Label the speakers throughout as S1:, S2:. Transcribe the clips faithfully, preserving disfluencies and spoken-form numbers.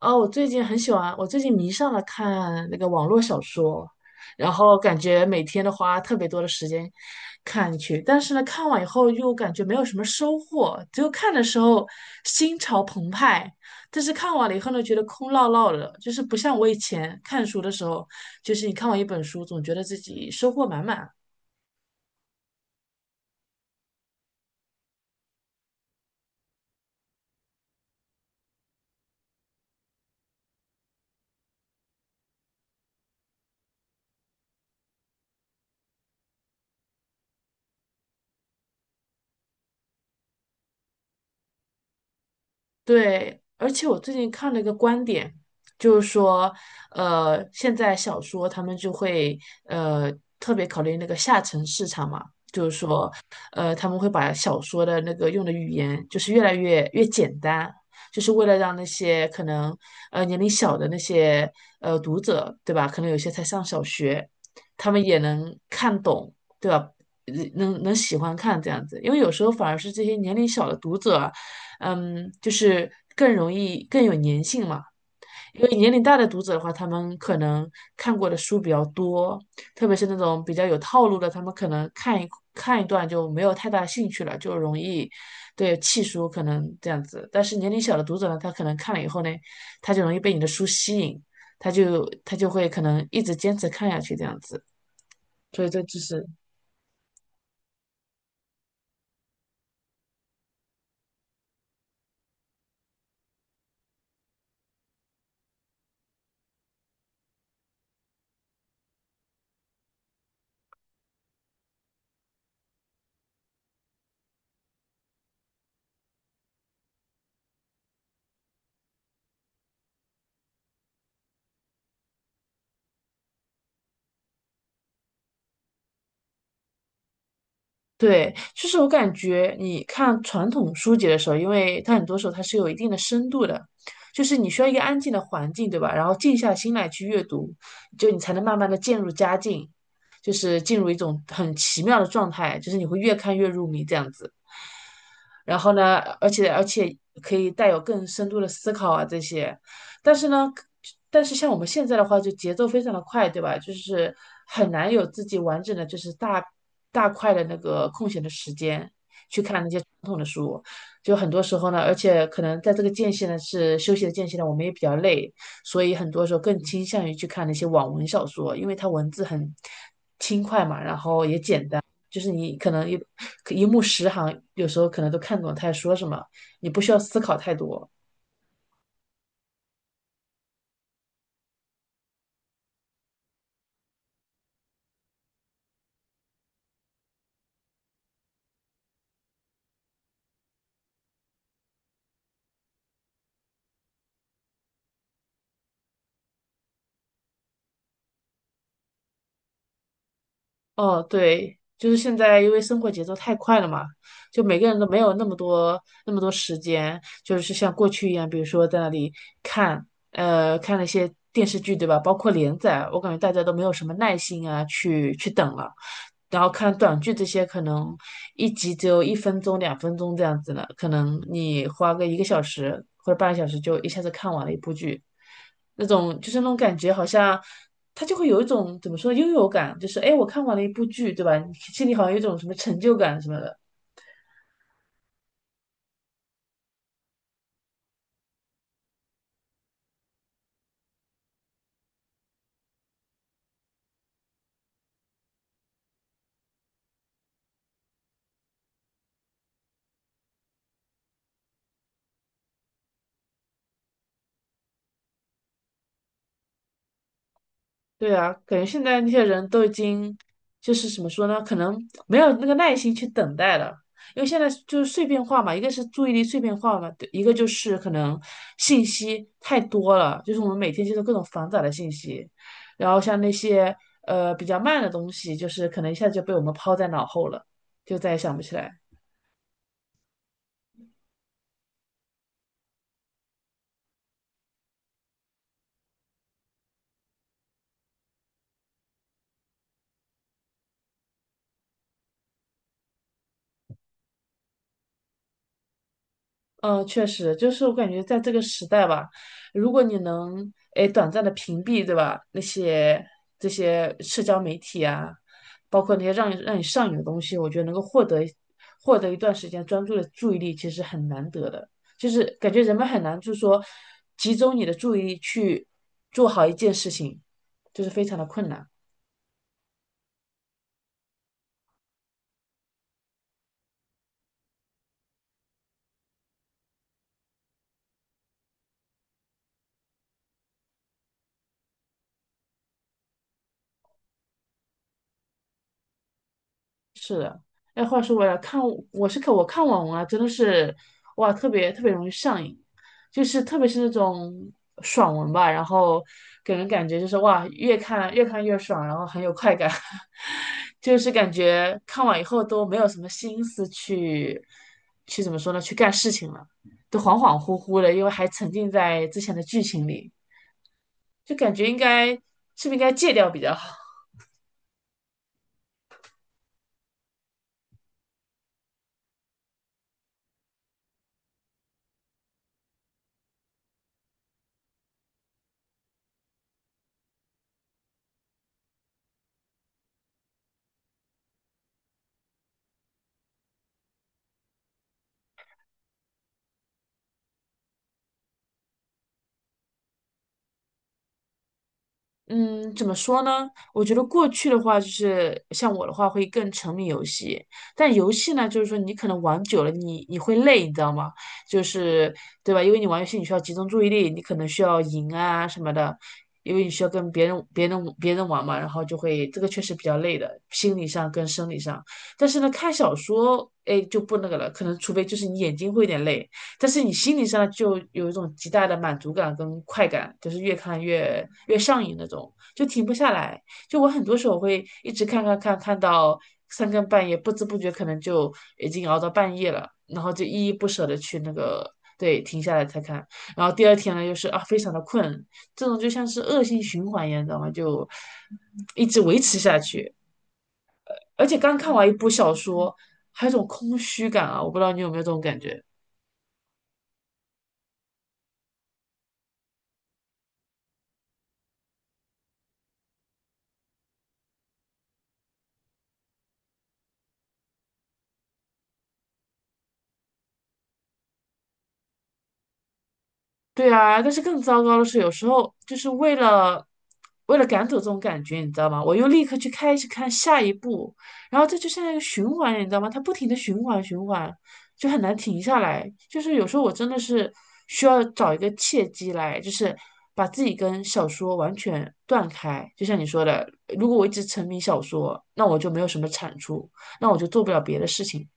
S1: 哦，我最近很喜欢，我最近迷上了看那个网络小说，然后感觉每天都花特别多的时间看去，但是呢，看完以后又感觉没有什么收获，只有看的时候心潮澎湃，但是看完了以后呢，觉得空落落的，就是不像我以前看书的时候，就是你看完一本书，总觉得自己收获满满。对，而且我最近看了一个观点，就是说，呃，现在小说他们就会呃特别考虑那个下沉市场嘛，呃，他们会把小说的那个用的语言就是越来越越简单，就是为了让那些可能呃年龄小的那些呃读者，对吧？可能有些才上小学，他们也能看懂，对吧？呃能能喜欢看这样子，因为有时候反而是这些年龄小的读者，嗯，就是更容易更有粘性嘛。因为年龄大的读者的话，他们可能看过的书比较多，特别是那种比较有套路的，他们可能看一看一段就没有太大兴趣了，就容易对弃书，可能这样子。但是年龄小的读者呢，他可能看了以后呢，他就容易被你的书吸引，他就他就会可能一直坚持看下去这样子。所以这就是对，就是我感觉你看传统书籍的时候，因为它很多时候它是有一定的深度的，就是你需要一个安静的环境，对吧？然后静下心来去阅读，就你才能慢慢的渐入佳境，就是进入一种很奇妙的状态，就是你会越看越入迷这样子。然后呢，而且而且可以带有更深度的思考啊这些。但是呢，但是像我们现在的话，就节奏非常的快，对吧？就是很难有自己完整的，就是大大块的那个空闲的时间。统的书，就很多时候呢，而且可能在这个间隙呢，是休息的间隙呢，我们也比较累，所以很多时候更倾向于去看那些网文小说，因为它文字很轻快嘛，然后也简单，就是你可能一一目十行，有时候可能都看懂他在说什么，你不需要思考太多。哦，对，就是现在，因为生活节奏太快了嘛，就每个人都没有那么多那么多时间，就是像过去一样，比如说在那里看，呃，看那些电视剧，对吧？包括连载，我感觉大家都没有什么耐心啊，去去等了。然后看短剧这些，可能一集只有一分钟、两分钟这样子的，可能你花个一个小时或者半个小时就一下子看完了一部剧。那种就是那种感觉，好像他就会有一种怎么说优越感，就是哎，诶我看完了一部剧，对吧？你心里好像有一种什么成就感什么的。对啊，感觉现在那些人都已经就是怎么说呢？可能没有那个耐心去等待了，因为现在就是碎片化嘛，一个是注意力碎片化嘛，对一个就是可能信息太多了，就是我们每天接受各种繁杂的信息，然后像那些呃比较慢的东西，就是可能一下子就被我们抛在脑后了，就再也想不起来了嗯，确实，就是我感觉在这个时代吧，如果你能诶短暂的屏蔽，对吧？那些这些社交媒体啊，包括那些让你让你上瘾的东西，我觉得能够获得获得一段时间专注的注意力，其实很难得的。就是感觉人们很难，就是说集中你的注意力去做好一件事情，就是非常的困难。哎，话说回来，看我是看我看网文啊，真的是哇，特别特别容易上瘾，就是特别是那种爽文吧，然后给人感觉就是哇，越看越看越爽，然后很有快感，就是感觉看完以后都没有什么心思去去怎么说呢，去干事情了，都恍恍惚惚的，因为还沉浸在之前的剧情里，就感觉应该是不是应该戒掉比较好。嗯，怎么说呢？我觉得过去的话，就是像我的话，会更沉迷游戏。但游戏呢，就是说你可能玩久了你，你会累，你知道吗？就是对吧？因为你玩游戏，你需要集中注意力，你可能需要赢啊什么的，因为你需要跟别人、别人、别人玩嘛，然后就会这个确实比较累的，心理上跟生理上。但是呢，看小说，哎，就不那个了，可能除非就是你眼睛会有点累，但是你心理上就有一种极大的满足感跟快感，就是越看越越上瘾那种，就停不下来。就我很多时候会一直看看看，看到三更半夜，不知不觉可能就已经熬到半夜了，然后就依依不舍的去那个对停下来才看，然后第二天呢又是啊非常的困，这种就像是恶性循环一样，你知道吗？就一直维持下去。而且刚看完一部小说，还有一种空虚感啊，我不知道你有没有这种感觉。对啊，但是更糟糕的是，有时候就是为了为了赶走这种感觉，你知道吗？我又立刻去开始看下一部，然后这就像一个循环，你知道吗？它不停的循环循环，就很难停下来。就是有时候我真的是需要找一个契机来，就是把自己跟小说完全断开。就像你说的，如果我一直沉迷小说，那我就没有什么产出，那我就做不了别的事情。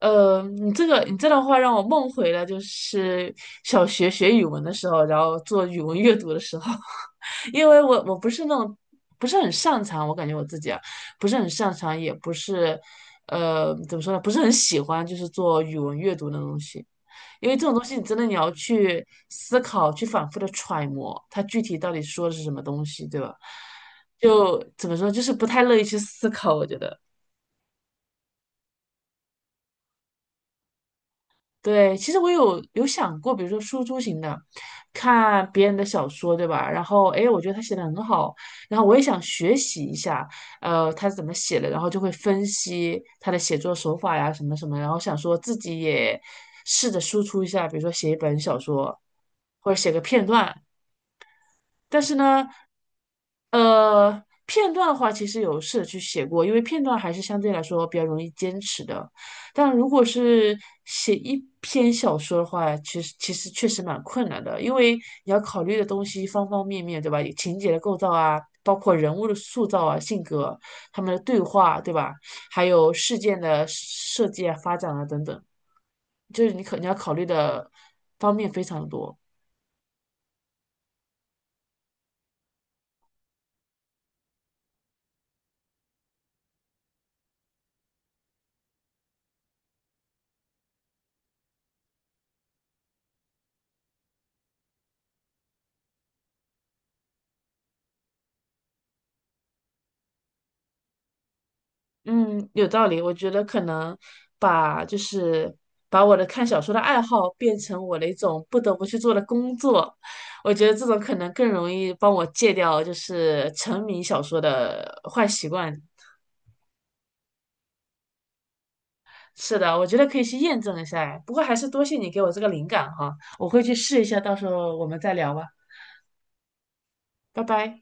S1: 呃，你这个你这段话让我梦回了，就是小学学语文的时候，然后做语文阅读的时候，因为我我不是那种不是很擅长，我感觉我自己啊不是很擅长，也不是呃怎么说呢，不是很喜欢就是做语文阅读那种东西，因为这种东西你真的你要去思考，去反复的揣摩它具体到底说的是什么东西，对吧？就怎么说，就是不太乐意去思考，我觉得。对，其实我有有想过，比如说输出型的，看别人的小说，对吧？然后，哎，我觉得他写的很好，然后我也想学习一下，呃，他是怎么写的，然后就会分析他的写作手法呀，什么什么，然后想说自己也试着输出一下，比如说写一本小说，或者写个片段，但是呢，呃，片段的话，其实有试着去写过，因为片段还是相对来说比较容易坚持的。但如果是写一篇小说的话，其实其实确实蛮困难的，因为你要考虑的东西方方面面，对吧？情节的构造啊，包括人物的塑造啊、性格、他们的对话，对吧？还有事件的设计啊、发展啊等等，就是你可你要考虑的方面非常多。嗯，有道理。我觉得可能把就是把我的看小说的爱好变成我的一种不得不去做的工作，我觉得这种可能更容易帮我戒掉就是沉迷小说的坏习惯。是的，我觉得可以去验证一下哎。不过还是多谢你给我这个灵感哈，我会去试一下，到时候我们再聊吧。拜拜。